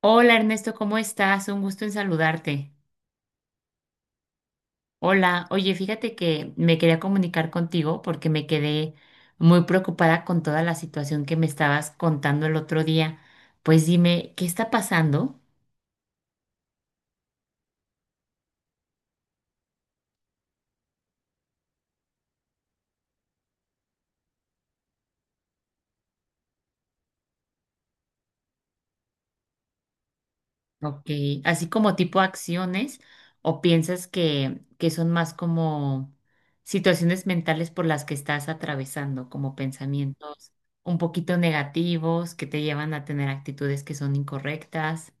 Hola Ernesto, ¿cómo estás? Un gusto en saludarte. Hola, oye, fíjate que me quería comunicar contigo porque me quedé muy preocupada con toda la situación que me estabas contando el otro día. Pues dime, ¿qué está pasando? Ok, así como tipo acciones o piensas que son más como situaciones mentales por las que estás atravesando, como pensamientos un poquito negativos que te llevan a tener actitudes que son incorrectas.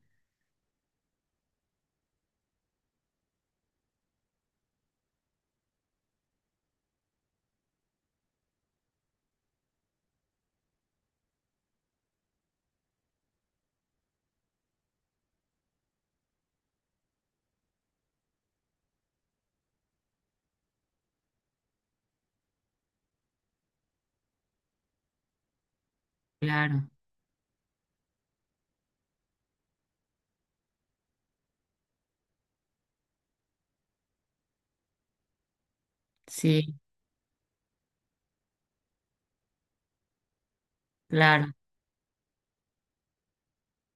Claro, sí. Claro.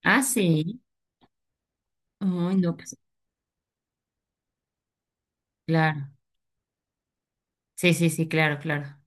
Ah, sí. Ay, no, pues, claro. Sí, sí, sí, claro, claro.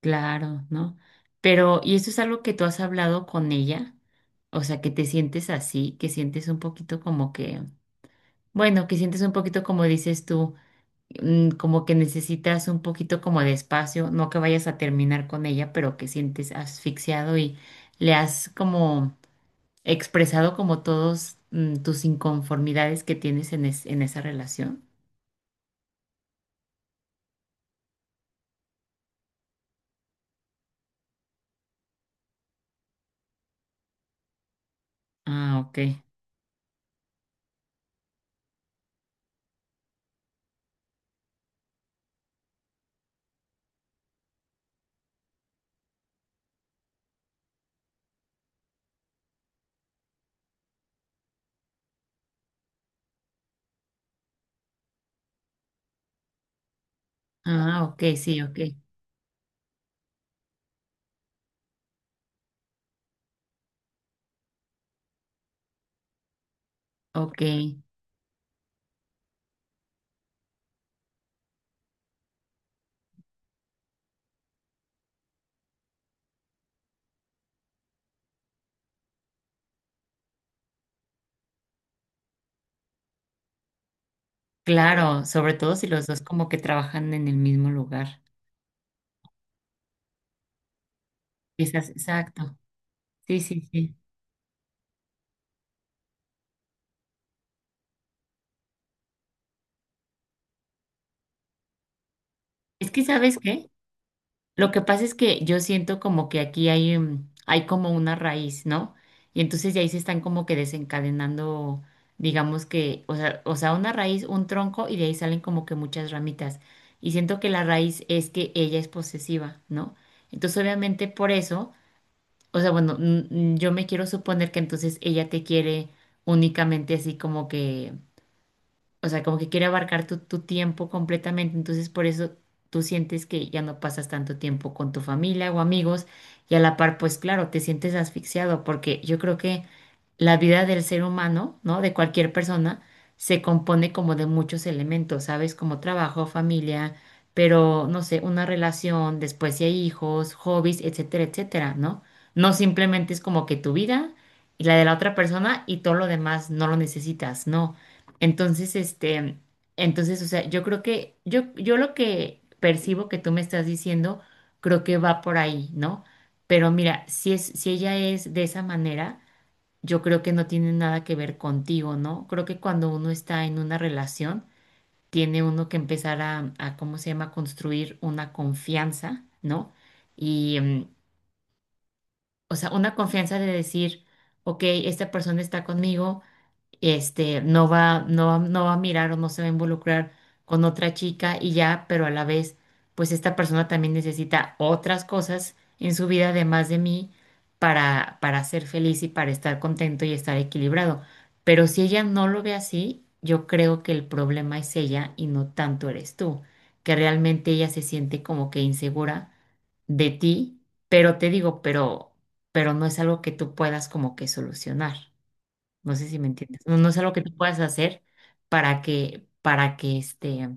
Claro, ¿no? Pero, ¿y eso es algo que tú has hablado con ella? O sea, que te sientes así, que sientes un poquito como que, bueno, que sientes un poquito como dices tú, como que necesitas un poquito como de espacio, no que vayas a terminar con ella, pero que sientes asfixiado y le has como expresado como todos tus inconformidades que tienes en esa relación. Ah, ok. Ah, ok, sí, ok, ok. Claro, sobre todo si los dos como que trabajan en el mismo lugar. Exacto. Sí, sí, sí. Es que, ¿sabes qué? Lo que pasa es que yo siento como que aquí hay, hay como una raíz, ¿no? Y entonces de ahí se están como que desencadenando, digamos que, o sea, una raíz, un tronco, y de ahí salen como que muchas ramitas. Y siento que la raíz es que ella es posesiva, ¿no? Entonces, obviamente, por eso. O sea, bueno, yo me quiero suponer que entonces ella te quiere únicamente así como que o sea, como que quiere abarcar tu tiempo completamente, entonces por eso tú sientes que ya no pasas tanto tiempo con tu familia o amigos y a la par, pues claro, te sientes asfixiado porque yo creo que la vida del ser humano, ¿no? De cualquier persona, se compone como de muchos elementos, ¿sabes? Como trabajo, familia, pero no sé, una relación, después si hay hijos, hobbies, etcétera, etcétera, ¿no? No simplemente es como que tu vida y la de la otra persona y todo lo demás no lo necesitas, no. Entonces, este, entonces, o sea, yo creo que, yo lo que percibo que tú me estás diciendo, creo que va por ahí, ¿no? Pero mira, si ella es de esa manera, yo creo que no tiene nada que ver contigo, ¿no? Creo que cuando uno está en una relación, tiene uno que empezar a ¿cómo se llama?, construir una confianza, ¿no? Y, o sea, una confianza de decir, ok, esta persona está conmigo este, no va a mirar o no se va a involucrar con otra chica y ya, pero a la vez, pues esta persona también necesita otras cosas en su vida además de mí para ser feliz y para estar contento y estar equilibrado. Pero si ella no lo ve así, yo creo que el problema es ella y no tanto eres tú, que realmente ella se siente como que insegura de ti, pero te digo, pero no es algo que tú puedas como que solucionar. No sé si me entiendes. No, no es algo que tú puedas hacer para que este,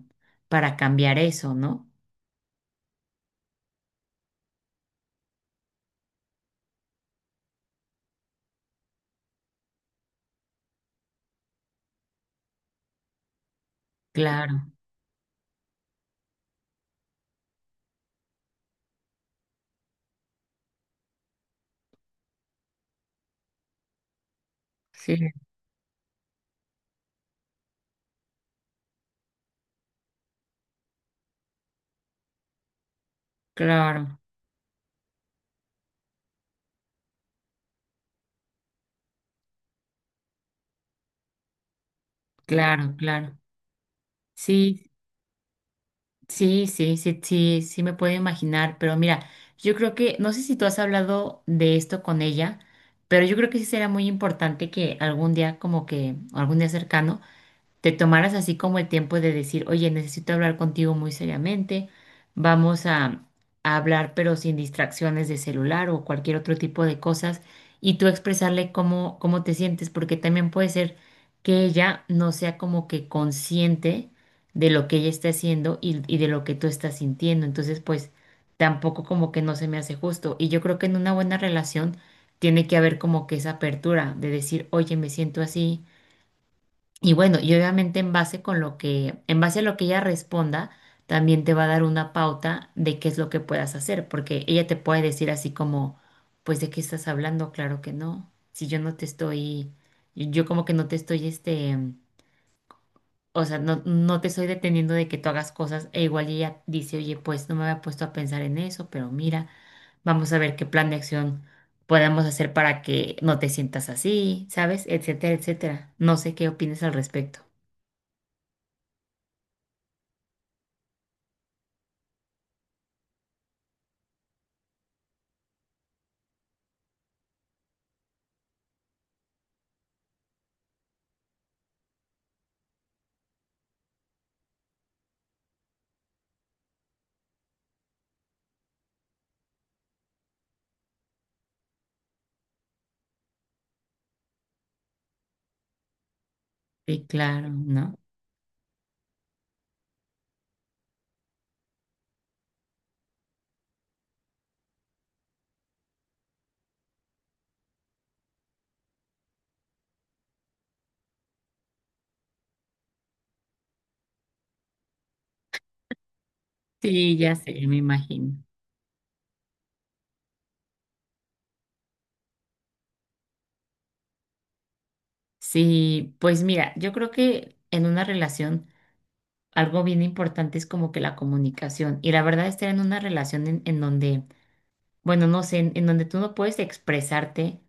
para cambiar eso, ¿no? Claro, sí, claro, claro, claro. Sí, sí, sí, sí, sí, sí me puedo imaginar, pero mira, yo creo que, no sé si tú has hablado de esto con ella, pero yo creo que sí será muy importante que algún día, como que, algún día cercano, te tomaras así como el tiempo de decir, oye, necesito hablar contigo muy seriamente, vamos a hablar pero sin distracciones de celular o cualquier otro tipo de cosas, y tú expresarle cómo, cómo te sientes, porque también puede ser que ella no sea como que consciente de lo que ella está haciendo y de lo que tú estás sintiendo, entonces pues tampoco como que no se me hace justo, y yo creo que en una buena relación tiene que haber como que esa apertura de decir, oye, me siento así y bueno, y obviamente en base con lo que, en base a lo que ella responda, también te va a dar una pauta de qué es lo que puedas hacer, porque ella te puede decir así como, pues ¿de qué estás hablando? Claro que no. Si yo no te estoy, yo como que no te estoy este, o sea, no, no te estoy deteniendo de que tú hagas cosas, e igual ella dice, oye, pues no me había puesto a pensar en eso, pero mira, vamos a ver qué plan de acción podemos hacer para que no te sientas así, ¿sabes? Etcétera, etcétera. No sé qué opinas al respecto. Sí, claro, ¿no? Sí, ya sé, me imagino. Sí, pues mira, yo creo que en una relación algo bien importante es como que la comunicación. Y la verdad, estar en una relación en donde, bueno, no sé, en donde tú no puedes expresarte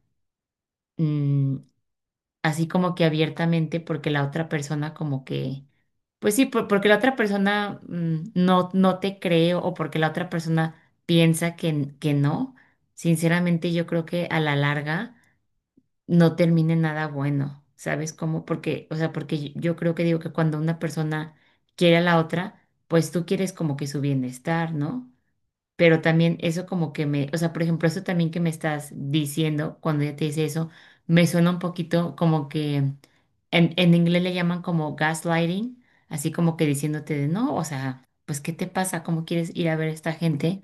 mm, así como que abiertamente porque la otra persona como que, pues sí, porque la otra persona no, no te cree o porque la otra persona piensa que no. Sinceramente, yo creo que a la larga no termine nada bueno, ¿sabes cómo? Porque, o sea, porque yo creo que digo que cuando una persona quiere a la otra, pues tú quieres como que su bienestar, ¿no? Pero también eso como que me, o sea, por ejemplo, eso también que me estás diciendo cuando ella te dice eso, me suena un poquito como que en inglés le llaman como gaslighting, así como que diciéndote de no, o sea, pues ¿qué te pasa? ¿Cómo quieres ir a ver a esta gente?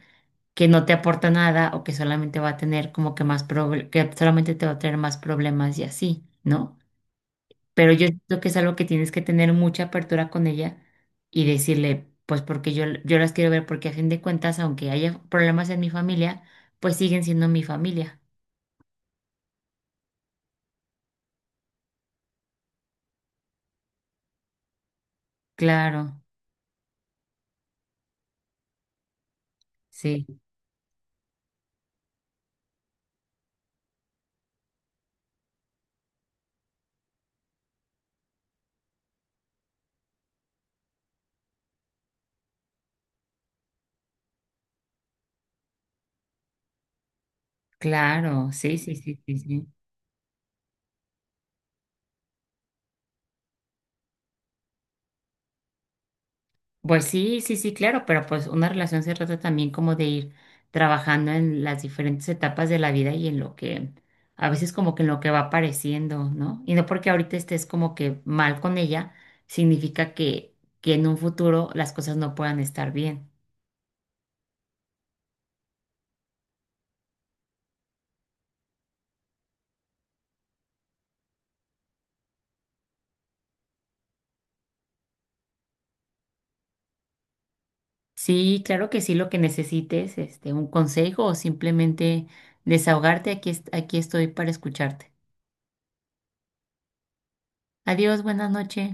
Que no te aporta nada o que solamente va a tener como que más que solamente te va a traer más problemas y así, ¿no? Pero yo siento que es algo que tienes que tener mucha apertura con ella y decirle, pues porque yo las quiero ver, porque a fin de cuentas, aunque haya problemas en mi familia, pues siguen siendo mi familia. Claro, sí, claro, sí, sí, sí, sí, sí. Pues sí, sí, sí, claro, pero pues una relación se trata también como de ir trabajando en las diferentes etapas de la vida y en lo que a veces como que en lo que va apareciendo, ¿no? Y no porque ahorita estés como que mal con ella, significa que en un futuro las cosas no puedan estar bien. Sí, claro que sí, lo que necesites, este, un consejo o simplemente desahogarte, aquí, aquí estoy para escucharte. Adiós, buenas noches.